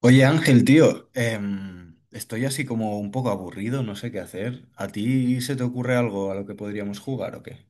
Oye Ángel, tío, estoy así como un poco aburrido, no sé qué hacer. ¿A ti se te ocurre algo a lo que podríamos jugar o qué?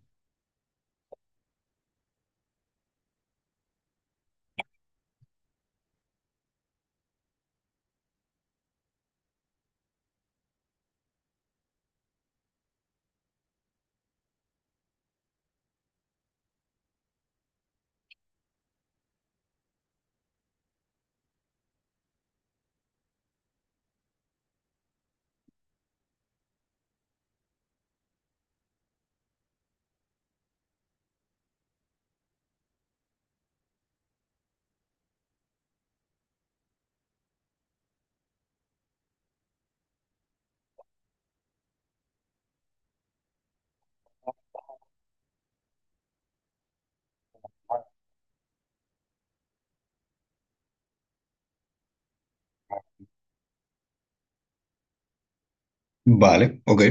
Vale, ok.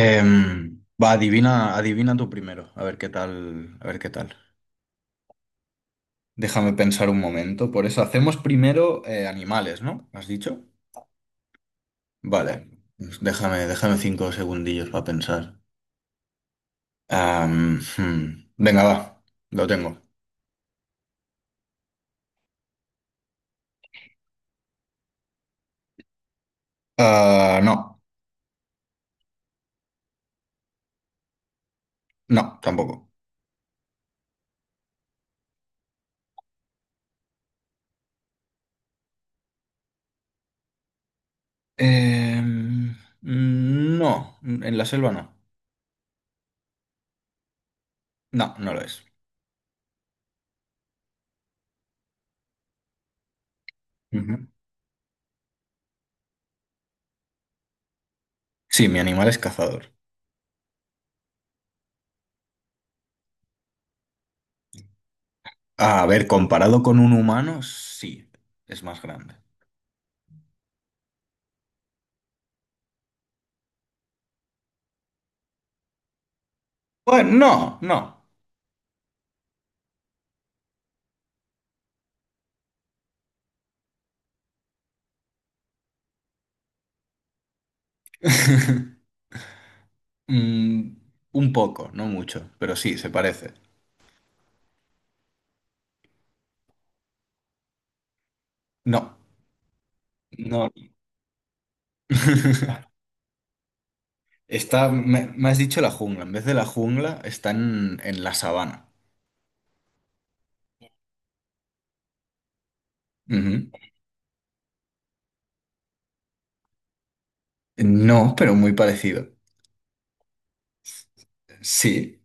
Va, adivina tú primero, a ver qué tal, a ver qué tal. Déjame pensar un momento. Por eso hacemos primero animales, ¿no? ¿Has dicho? Vale. Pues Déjame cinco segundillos para pensar. Venga, va. Lo tengo. Ah, no, no, tampoco. Em, no, en la selva no. No, no lo es. Ujú. Sí, mi animal es cazador. A ver, comparado con un humano, sí, es más grande. Bueno, no, no. Mm, un poco, no mucho, pero sí, se parece. No, no. Está, me has dicho la jungla. En vez de la jungla, está en la sabana. Ujú. No, pero muy parecido. Sí.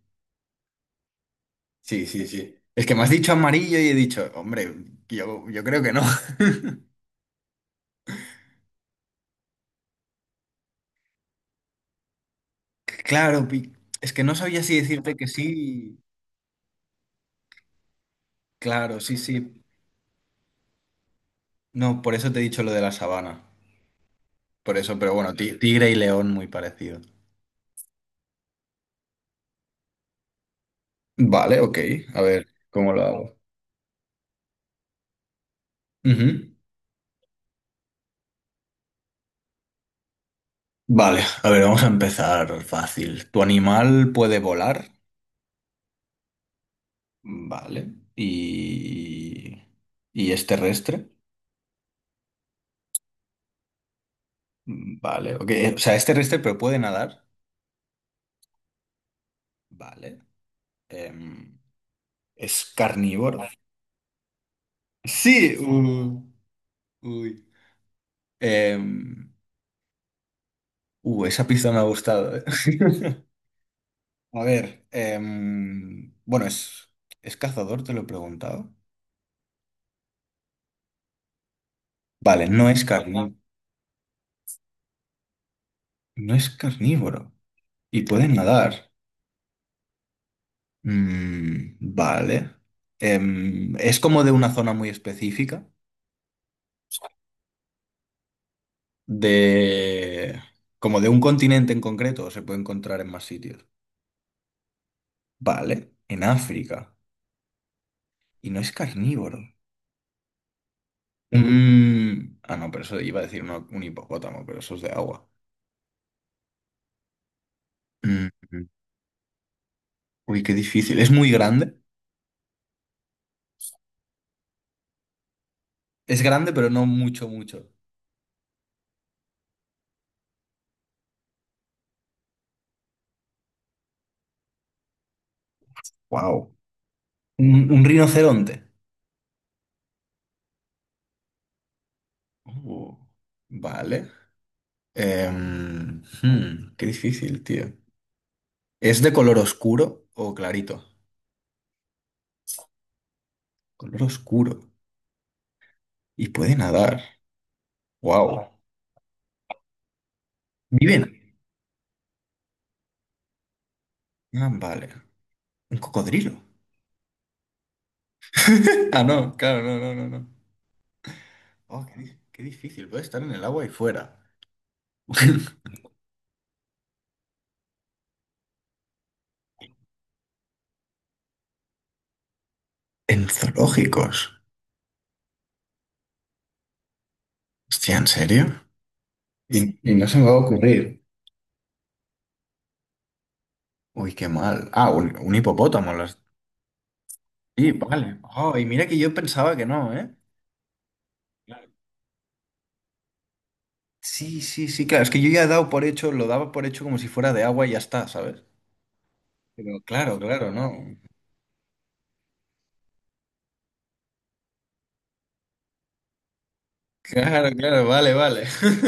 Sí, sí, sí. Es que me has dicho amarillo y he dicho, hombre, yo creo que no. Claro, pi- es que no sabía si decirte que sí. Claro, sí, sí. No, por eso te he dicho lo de la sabana. Por eso, pero bueno, ti- tigre y león muy parecido. Vale, ok. A ver, ¿cómo lo hago? Ujú. Vale, a ver, vamos a empezar fácil. ¿Tu animal puede volar? Vale. Y es terrestre? Vale, ok. O sea, es terrestre, pero puede nadar. Vale. Em, es carnívoro. Sí, uy. Em, Esa pista me ha gustado. A ver, bueno, ¿es cazador? Te lo he preguntado. Vale, no es carnívoro. Y puede nadar. Mm, vale. Es como de una zona muy específica, de como de un continente en concreto, o se puede encontrar en más sitios. Vale, en África. Y no es carnívoro. Ah, no, pero eso iba a decir un hipopótamo, pero eso es de agua. Mm, Uy, qué difícil. Es muy grande. Es grande, pero no mucho, mucho. Wow. Un rinoceronte. Uh, vale. Qué difícil, tío. ¿Es de color oscuro o clarito? Color oscuro. Y puede nadar. Wow. Viven. Ah, vale. Un cocodrilo. Ah, no, claro, no, no, no, no. Oh, di- qué difícil. Puede estar en el agua y fuera. En zoológicos. Hostia, ¿en serio? Y no se me va a ocurrir. Uy, qué mal. Ah, un hipopótamo. Las... Sí, vale. Oh, y mira que yo pensaba que no, ¿eh? Claro. Sí, sí, sí, claro. Es que yo ya he dado por hecho, lo daba por hecho como si fuera de agua y ya está, ¿sabes? Pero claro, claro, no. Claro, claro, vale, vale.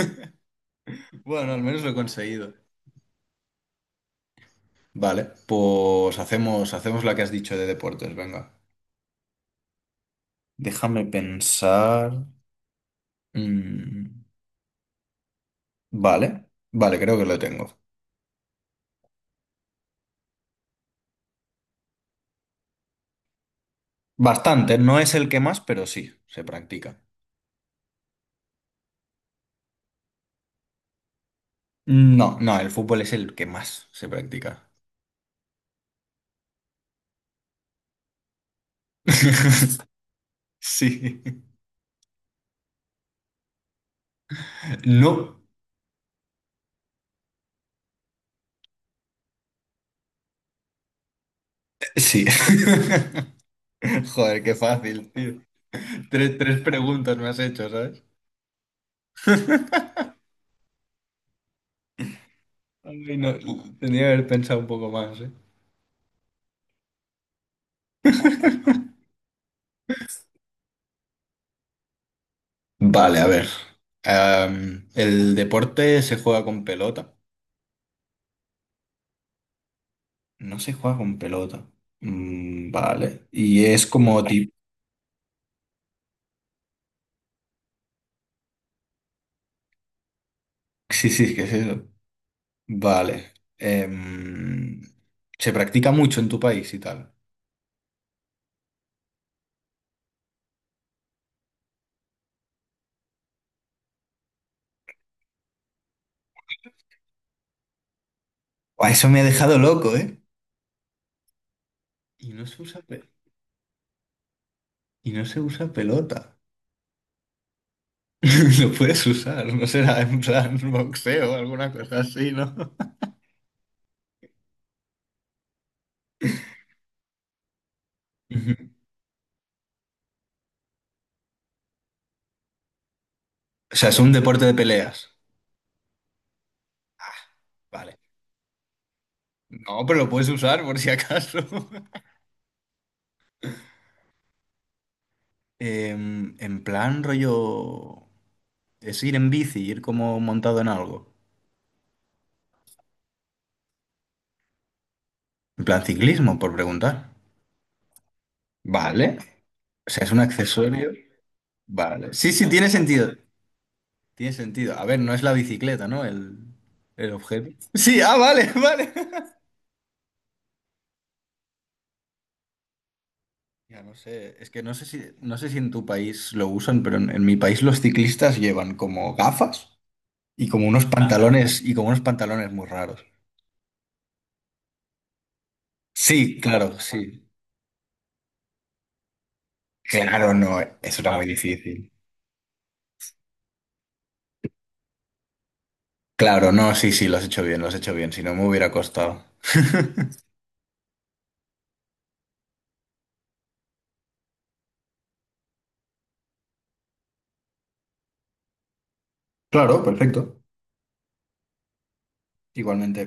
Bueno, al menos lo he conseguido. Vale, pues hacemos la que has dicho de deportes, venga. Déjame pensar. Mm, vale, vale, creo que lo tengo. Bastante, no es el que más, pero sí, se practica. No, no, el fútbol es el que más se practica. Sí. No, sí. Joder, qué fácil, tío. Tres preguntas me has hecho, ¿sabes? Ay, no, tendría que haber pensado un poco más, ¿eh? Vale, a ver. El deporte se juega con pelota. No se juega con pelota. Mm, vale. Y es como tipo. Sí, sí, ¿qué es eso? Vale. Se practica mucho en tu país y tal. Buah, eso me ha dejado loco, ¿eh? Y no se usa, pe- y no se usa pelota. Lo puedes usar, no será en plan boxeo o alguna cosa así, ¿no? Ujú. O sea, es un deporte de peleas. Ah, vale. No, pero lo puedes usar por si acaso. En plan rollo... Es ir en bici, ir como montado en algo. En plan ciclismo, por preguntar. Vale. O sea, es un accesorio. Vale. Sí, sí, tiene sentido. Tiene sentido. A ver, no es la bicicleta, ¿no? El objeto. Sí, ah, vale, vale. Ya no sé, es que no sé si, no sé si en tu país lo usan, pero en mi país los ciclistas llevan como gafas y como unos pantalones y como unos pantalones muy raros. Sí, claro, sí. Claro, no, eso era muy Wow. difícil. Claro, no, sí, sí, lo has hecho bien, lo has hecho bien, si no me hubiera costado. Claro, perfecto. Igualmente.